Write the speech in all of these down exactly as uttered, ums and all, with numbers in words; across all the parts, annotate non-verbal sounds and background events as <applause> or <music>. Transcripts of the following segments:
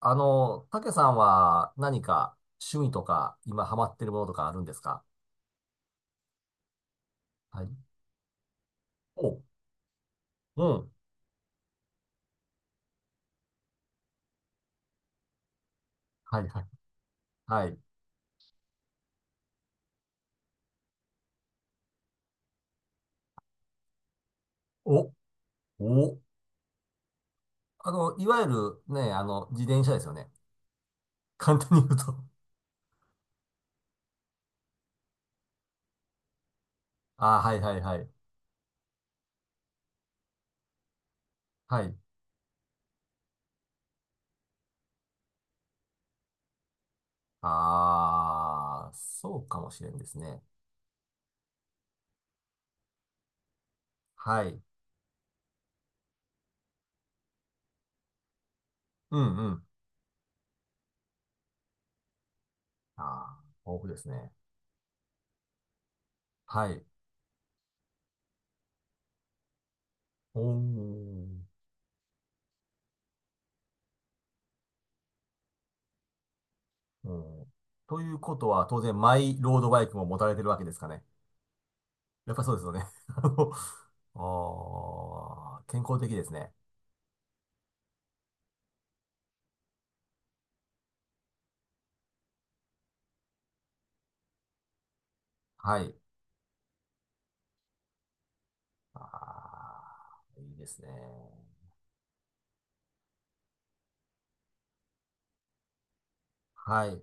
あの、たけさんは何か趣味とか今ハマってるものとかあるんですか？はい。お。うん。はいはい。はい。お。お。あの、いわゆるね、あの、自転車ですよね。<laughs> 簡単に言うと。ああ、はいはいはい。はい。ああ、そうかもしれんですね。はい。うんうん。ああ、豊富ですね。はい。おー。おー、ということは、当然、マイロードバイクも持たれてるわけですかね。やっぱそうですよね。<laughs> あのおー、健康的ですね。はい。あー、いいですね。はい。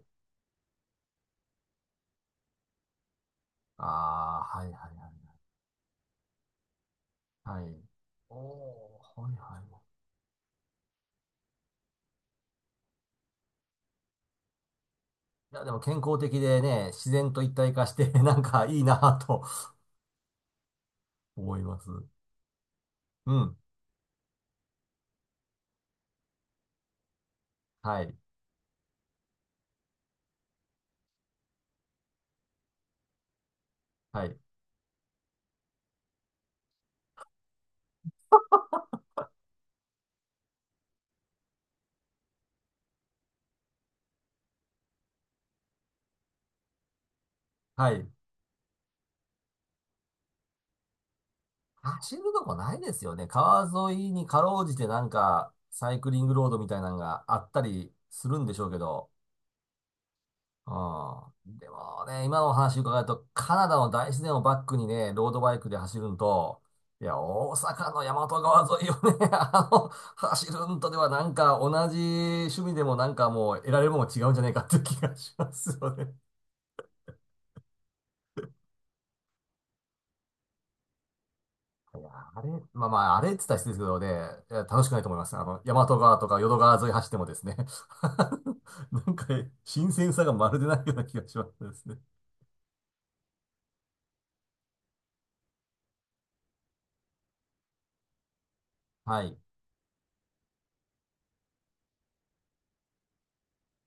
あー、はいはいはい。はい。おー、はいはい。いや、でも健康的でね、自然と一体化して、<laughs> なんかいいなぁと思います。うん。はい。はい。はい。走るとこないですよね。川沿いにかろうじてなんか、サイクリングロードみたいなのがあったりするんでしょうけど。ああ、でもね、今のお話伺うと、カナダの大自然をバックにね、ロードバイクで走るんと、いや、大阪の大和川沿いをね、<laughs> あの、走るんとではなんか同じ趣味でもなんかもう得られるものが違うんじゃないかっていう気がしますよね。いや、あれ、まあまあ、あれって言ったら失礼ですけどね、いや楽しくないと思います。あの、大和川とか淀川沿い走ってもですね、<laughs> なんか新鮮さがまるでないような気がしますですね。はい。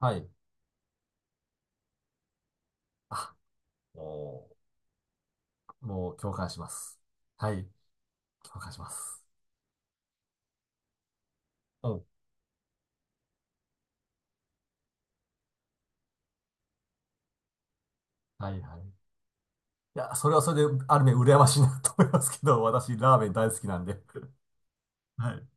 はい。あ。おー、もう共感します。はい。共感します。うん。はいはい。いや、それはそれで、ある面羨ましいなと思いますけど、<laughs> 私、ラーメン大好きなんで。はい。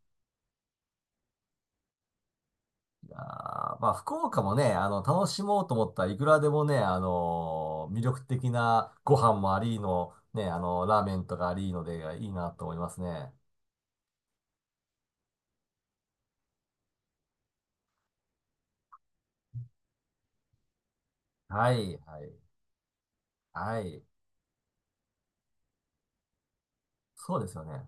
いやーまあ、福岡もね、あの、楽しもうと思ったらいくらでもね、あのー魅力的なご飯もありの、ね、あの、ラーメンとかありので、いいなと思いますね。はい、はい、はい。そうですよね。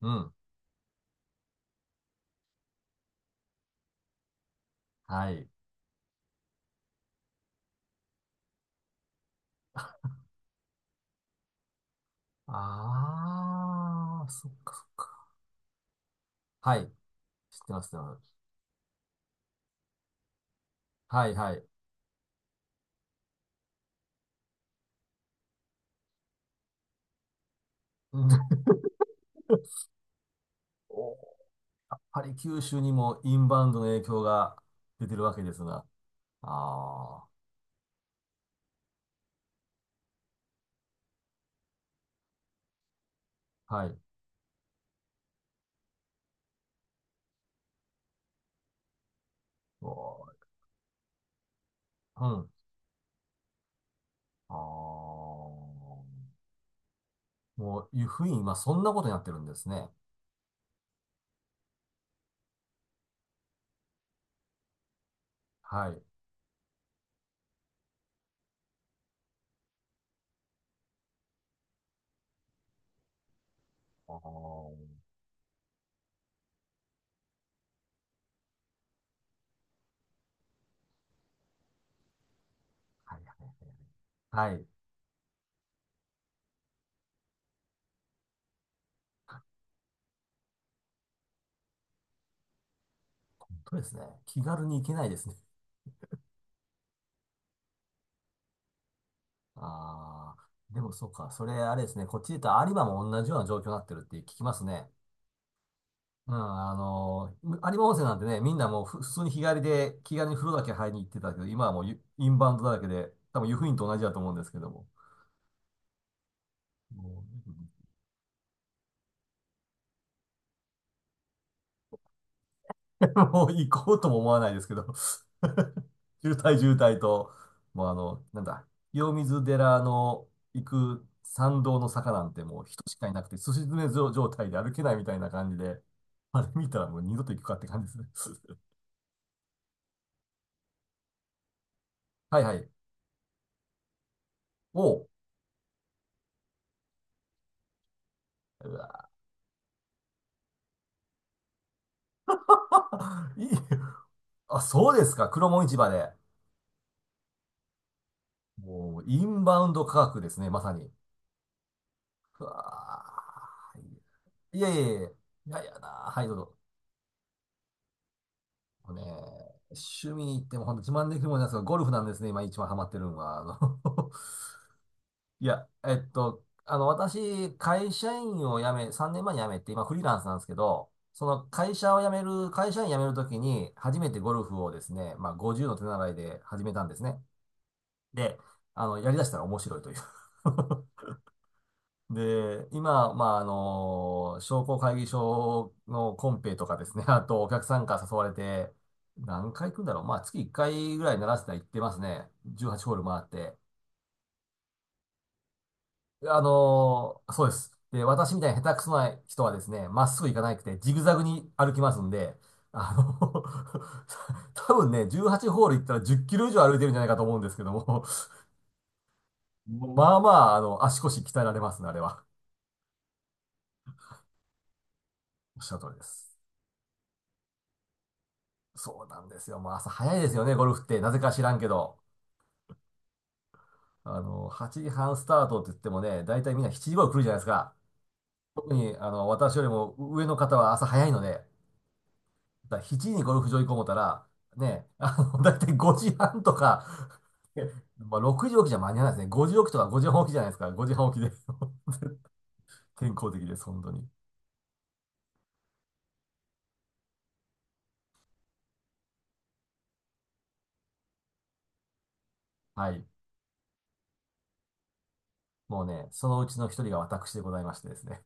うん。はい。あー、そっかそっか。はい。知ってます、知ってます。はい、はい。うん。 <laughs> お、やっぱり九州にもインバウンドの影響が出てるわけですが。ああ、はい。お、うん。ああ、もういうふうに今そんなことになってるんですね。はい。あー、はいはい。とですね。気軽に行けないですね。ああ、でもそうか。それあれですね。こっちで言ったら有馬も同じような状況になってるって聞きますね。うん、あの、有馬温泉なんてね、みんなもうふ普通に日帰りで気軽に風呂だけ入りに行ってたけど、今はもうイインバウンドだらけで、多分湯布院と同じだと思うんですけども。もう、<laughs> もう行こうとも思わないですけど。 <laughs>。渋滞渋滞と、もうあの、なんだ、清水寺の行く参道の坂なんてもう人しかいなくて、すし詰め状態で歩けないみたいな感じで、あれ見たらもう二度と行くかって感じですね。<laughs> はいはい。おう。うわ。 <laughs> いい。あ、そうですか。黒門市場で。もう、インバウンド価格ですね、まさに。うわー、いやいやいや、いやいやなー。はい、どうぞ。もうね、趣味に行っても本当自慢できるもんなんですが、ゴルフなんですね、今一番ハマってるのは。あの <laughs> いや、えっと、あの、私、会社員を辞め、さんねんまえに辞めて、今フリーランスなんですけど、その会社を辞める、会社員辞めるときに、初めてゴルフをですね、まあごじゅうの手習いで始めたんですね。で、あの、やりだしたら面白いという。 <laughs> で、今、まあ、あの、商工会議所のコンペとかですね、<laughs> あとお客さんから誘われて、何回行くんだろう。まあ、月いっかいぐらいならせたら行ってますね。じゅうはちホール回って。あの、そうです。で、私みたいに下手くそな人はですね、まっすぐ行かなくて、ジグザグに歩きますんで、あの <laughs> 多分ね、じゅうはちホール行ったらじっキロ以上歩いてるんじゃないかと思うんですけども、まあまあ、あの、足腰鍛えられますね、あれは。おっしゃる通りです。そうなんですよ。もう朝早いですよね、ゴルフって。なぜか知らんけど。あの、はちじはんスタートって言ってもね、大体みんなしちじ頃来るじゃないですか。特に、あの、私よりも上の方は朝早いので、だからしちじにゴルフ場行こう思ったら、ね、あの、大体ごじはんとか、<laughs> えまあ、ろくじ起きじゃ間に合わないですね。ごじ起きとかごじはん起きじゃないですか。ごじはん起きで。 <laughs> 健康的です、本当に。はい。もうね、そのうちの一人が私でございましてですね。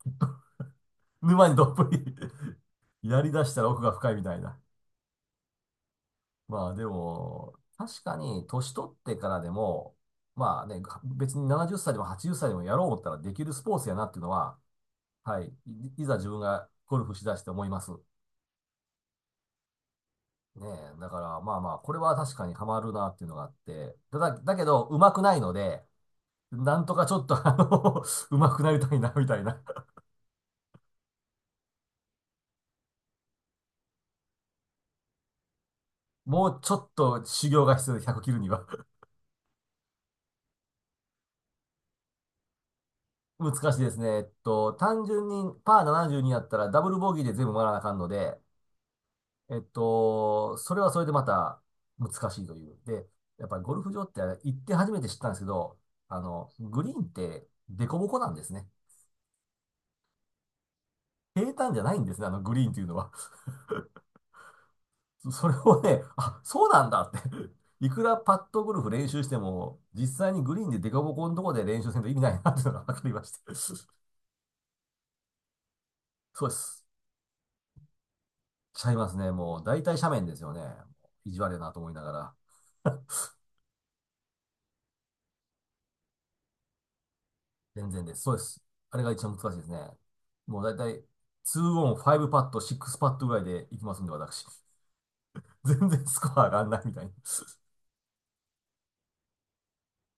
<laughs> 沼にどっぷり。 <laughs> やり出したら奥が深いみたいな。まあでも、確かに年取ってからでも、まあね、別にななじっさいでもはちじっさいでもやろう思ったらできるスポーツやなっていうのは、はい、い、いざ自分がゴルフしだして思います。ねえ、だからまあまあ、これは確かにハマるなっていうのがあって、ただ、だけど、上手くないので、なんとかちょっと、<laughs> あの、<laughs> 上手くなりたいな、みたいな。もうちょっと修行が必要で、ひゃく切るには。<laughs> 難しいですね。えっと、単純にパーななじゅうにやったらダブルボギーで全部回らなあかんので、えっと、それはそれでまた難しいという。で、やっぱりゴルフ場って行って初めて知ったんですけど、あの、グリーンって凸凹なんですね。平坦じゃないんですね、あのグリーンっていうのは。<laughs> そそれをね、あ、そうなんだって。 <laughs> いくらパットゴルフ練習しても、実際にグリーンで凸凹のところで練習せんと意味ないなっていうのが分かりまして。 <laughs> そうです。ちゃいますね。もう大体斜面ですよね。意地悪いなと思いながら。全然です。そうです。あれが一番難しいですね。もうだいたいにオン、ごパット、ろくパットぐらいでいきますんで、私。<laughs> 全然スコア上がんないみたいな。